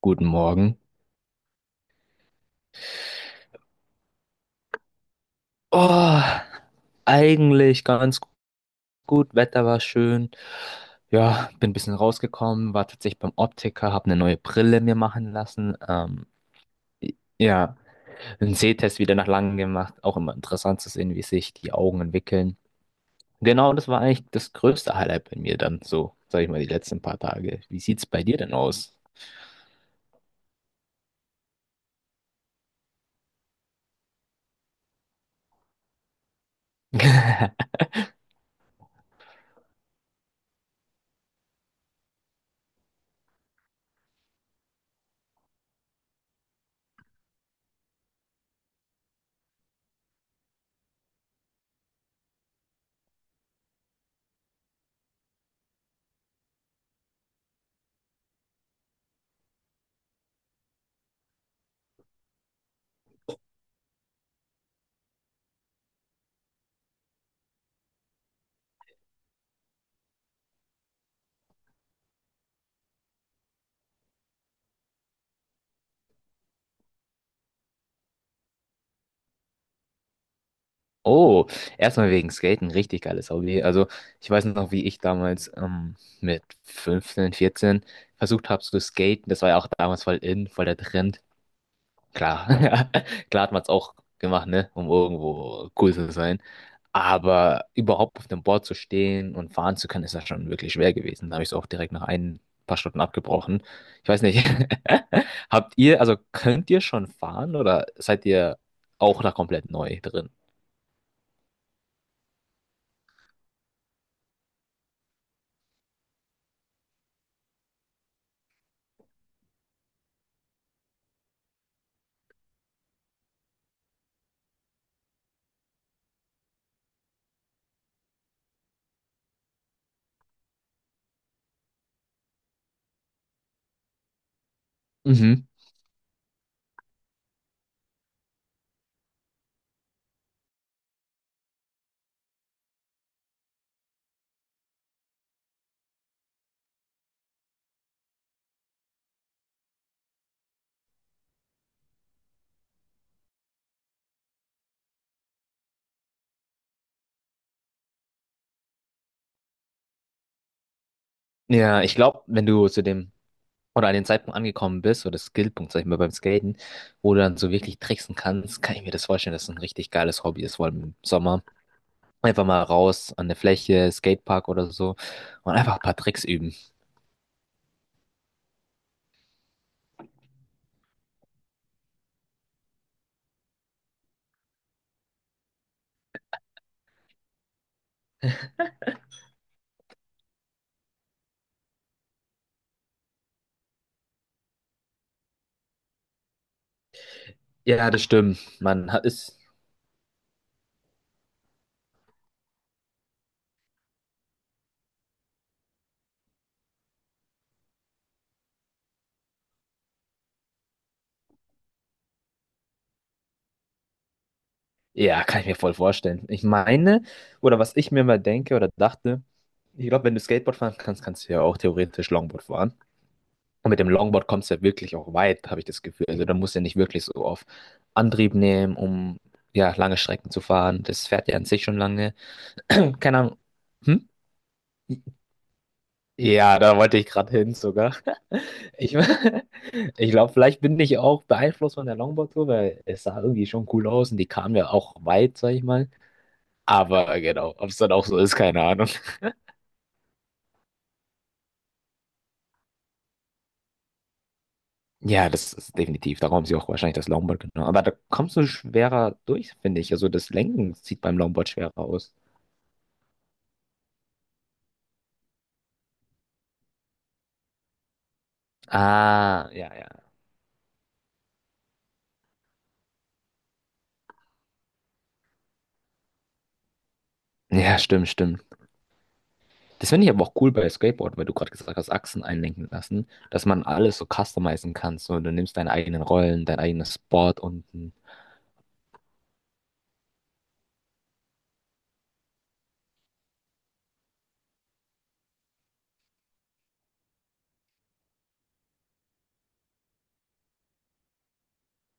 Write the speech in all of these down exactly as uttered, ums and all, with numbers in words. Guten Morgen. Oh, eigentlich ganz gut. Wetter war schön. Ja, bin ein bisschen rausgekommen, war tatsächlich beim Optiker, habe eine neue Brille mir machen lassen. Ähm, ja, einen Sehtest wieder nach langem gemacht. Auch immer interessant zu sehen, wie sich die Augen entwickeln. Genau, das war eigentlich das größte Highlight bei mir dann so, sag ich mal, die letzten paar Tage. Wie sieht's bei dir denn aus? Oh, erstmal wegen Skaten, richtig geiles Hobby. Also ich weiß noch, wie ich damals ähm, mit fünfzehn, vierzehn versucht habe zu skaten. Das war ja auch damals voll in, voll der Trend. Klar, klar hat man es auch gemacht, ne, um irgendwo cool zu sein. Aber überhaupt auf dem Board zu stehen und fahren zu können, ist ja schon wirklich schwer gewesen. Da habe ich es auch direkt nach ein paar Stunden abgebrochen. Ich weiß nicht, habt ihr, also könnt ihr schon fahren oder seid ihr auch da komplett neu drin? Ja, ich glaube, wenn du zu dem oder an den Zeitpunkt angekommen bist, oder Skillpunkt, sag ich mal, beim Skaten, wo du dann so wirklich tricksen kannst, kann ich mir das vorstellen, dass es ein richtig geiles Hobby ist, vor allem im Sommer. Einfach mal raus an der Fläche, Skatepark oder so und einfach ein paar Tricks üben. Ja, das stimmt. Man hat es, ja, kann ich mir voll vorstellen. Ich meine, oder was ich mir mal denke oder dachte, ich glaube, wenn du Skateboard fahren kannst, kannst du ja auch theoretisch Longboard fahren. Und mit dem Longboard kommst du ja wirklich auch weit, habe ich das Gefühl. Also da musst du ja nicht wirklich so auf Antrieb nehmen, um ja lange Strecken zu fahren. Das fährt ja an sich schon lange. Keine Ahnung. Hm? Ja, da wollte ich gerade hin sogar. Ich, ich glaube, vielleicht bin ich auch beeinflusst von der Longboard-Tour, weil es sah irgendwie schon cool aus und die kamen ja auch weit, sag ich mal. Aber genau, ob es dann auch so ist, keine Ahnung. Ja, das ist definitiv. Darum haben sie auch wahrscheinlich das Longboard genommen. Aber da kommst du schwerer durch, finde ich. Also das Lenken sieht beim Longboard schwerer aus. Ah, ja, ja. Ja, stimmt, stimmt. Das finde ich aber auch cool bei Skateboard, weil du gerade gesagt hast, Achsen einlenken lassen, dass man alles so customizen kann. So, du nimmst deine eigenen Rollen, dein eigenes Board unten.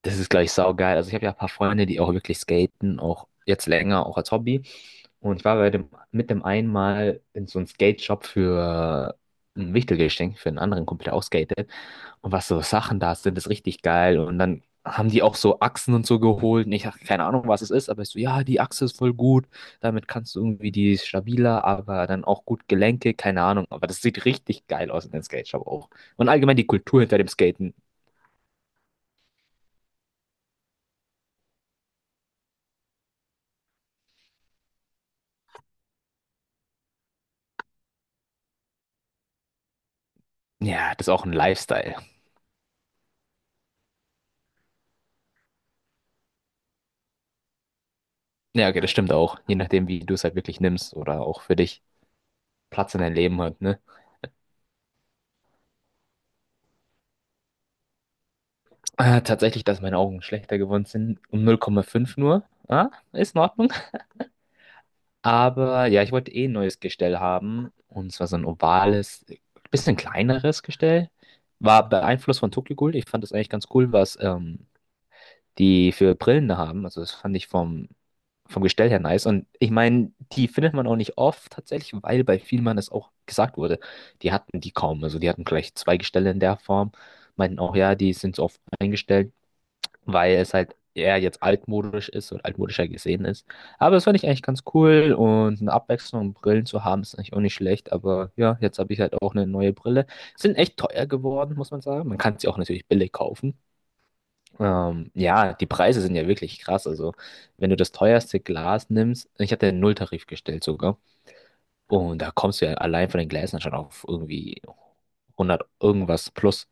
Das ist gleich saugeil. Also ich habe ja ein paar Freunde, die auch wirklich skaten, auch jetzt länger, auch als Hobby. Und ich war bei dem, mit dem einmal in so einem Skate-Shop für ein Wichtelgeschenk für einen anderen Kumpel, der auch skatet. Und was so Sachen da sind, ist richtig geil. Und dann haben die auch so Achsen und so geholt. Und ich habe keine Ahnung, was es ist, aber ich so, ja, die Achse ist voll gut. Damit kannst du irgendwie die ist stabiler, aber dann auch gut Gelenke, keine Ahnung. Aber das sieht richtig geil aus in den Skate Shop auch. Und allgemein die Kultur hinter dem Skaten. Ja, das ist auch ein Lifestyle. Ja, okay, das stimmt auch. Je nachdem, wie du es halt wirklich nimmst oder auch für dich Platz in deinem Leben hat, ne? Äh, tatsächlich, dass meine Augen schlechter geworden sind. Um null Komma fünf nur. Ah, ist in Ordnung. Aber ja, ich wollte eh ein neues Gestell haben. Und zwar so ein ovales, bisschen kleineres Gestell. War beeinflusst von Tokyo Ghoul. Ich fand das eigentlich ganz cool, was ähm, die für Brillen da haben. Also das fand ich vom, vom Gestell her nice. Und ich meine, die findet man auch nicht oft tatsächlich, weil bei Vielmann es auch gesagt wurde. Die hatten die kaum. Also die hatten gleich zwei Gestelle in der Form. Meinten auch, ja, die sind so oft eingestellt, weil es halt eher jetzt altmodisch ist und altmodischer gesehen ist. Aber das fand ich eigentlich ganz cool und eine Abwechslung und Brillen zu haben ist eigentlich auch nicht schlecht. Aber ja, jetzt habe ich halt auch eine neue Brille. Sind echt teuer geworden, muss man sagen. Man kann sie auch natürlich billig kaufen. Ähm, ja, die Preise sind ja wirklich krass. Also, wenn du das teuerste Glas nimmst, ich hatte einen Nulltarif gestellt sogar. Und da kommst du ja allein von den Gläsern schon auf irgendwie hundert irgendwas plus.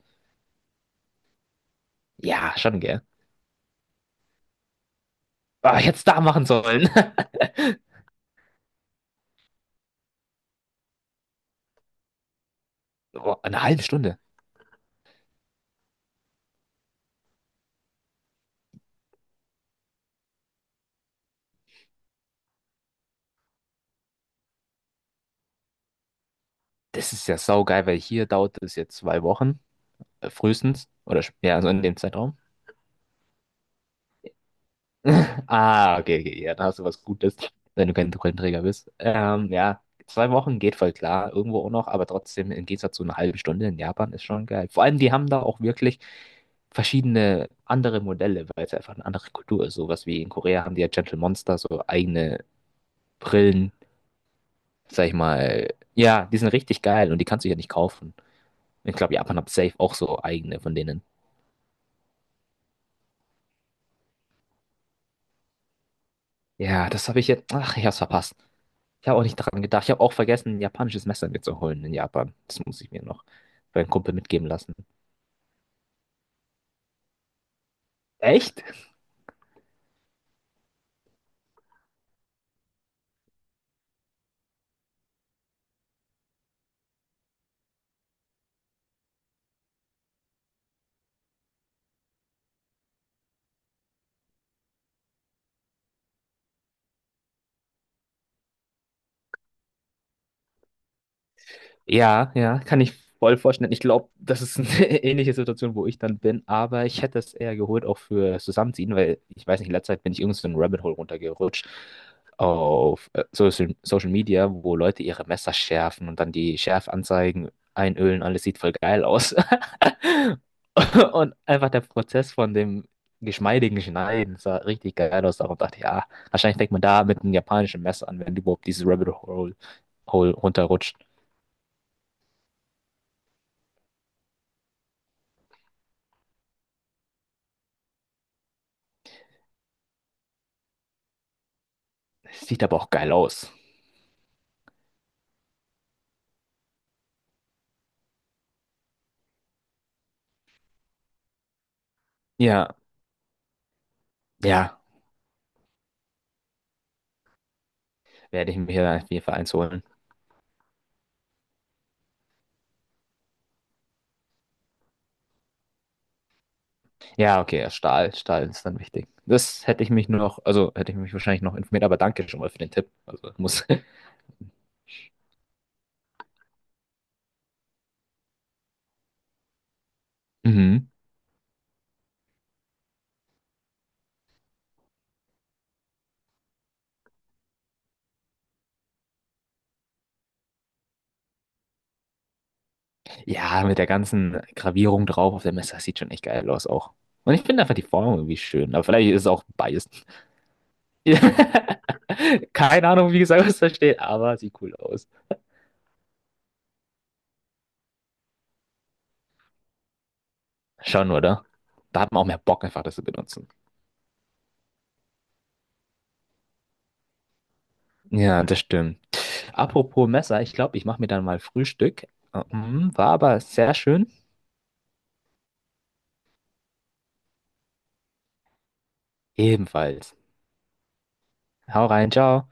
Ja, schon, gell? Ah, ich hätte es da machen sollen. Boah, eine halbe Stunde. Das ist ja saugeil, weil hier dauert es jetzt zwei Wochen, äh, frühestens, oder sch- ja, so in dem Zeitraum. Ah, okay, okay, ja, da hast du was Gutes, wenn du kein Brillenträger bist. Ähm, ja, zwei Wochen geht voll klar, irgendwo auch noch, aber trotzdem im Gegensatz zu einer halben Stunde in Japan ist schon geil. Vor allem, die haben da auch wirklich verschiedene andere Modelle, weil es einfach eine andere Kultur ist. Sowas wie in Korea haben die ja Gentle Monster, so eigene Brillen, sag ich mal. Ja, die sind richtig geil und die kannst du ja nicht kaufen. Ich glaube, Japan hat safe auch so eigene von denen. Ja, das habe ich jetzt. Ach, ich hab's verpasst. Ich habe auch nicht dran gedacht. Ich habe auch vergessen, ein japanisches Messer mir zu holen in Japan. Das muss ich mir noch bei einem Kumpel mitgeben lassen. Echt? Ja, ja, kann ich voll vorstellen. Ich glaube, das ist eine ähnliche Situation, wo ich dann bin, aber ich hätte es eher geholt, auch für Zusammenziehen, weil ich weiß nicht, in letzter Zeit bin ich irgendwie so ein Rabbit Hole runtergerutscht auf äh, Social, Social Media, wo Leute ihre Messer schärfen und dann die Schärfanzeigen einölen. Alles sieht voll geil aus. Und einfach der Prozess von dem geschmeidigen Schneiden sah richtig geil aus. Darum dachte ich, ja, wahrscheinlich fängt man da mit einem japanischen Messer an, wenn du überhaupt dieses Rabbit Hole, Hole runterrutscht. Sieht aber auch geil aus. Ja, ja, werde ich mir hier auf jeden Fall eins holen. Ja, okay, Stahl, Stahl ist dann wichtig. Das hätte ich mich nur noch, also hätte ich mich wahrscheinlich noch informiert, aber danke schon mal für den Tipp. Also muss. Mhm. Ja, mit der ganzen Gravierung drauf auf der Messe, das sieht schon echt geil aus auch. Und ich finde einfach die Form irgendwie schön. Aber vielleicht ist es auch biased. Keine Ahnung, wie gesagt, was da steht, aber sieht cool aus. Schon, oder? Da hat man auch mehr Bock, einfach das zu benutzen. Ja, das stimmt. Apropos Messer, ich glaube, ich mache mir dann mal Frühstück. Ähm, War aber sehr schön. Ebenfalls. Hau rein, ciao.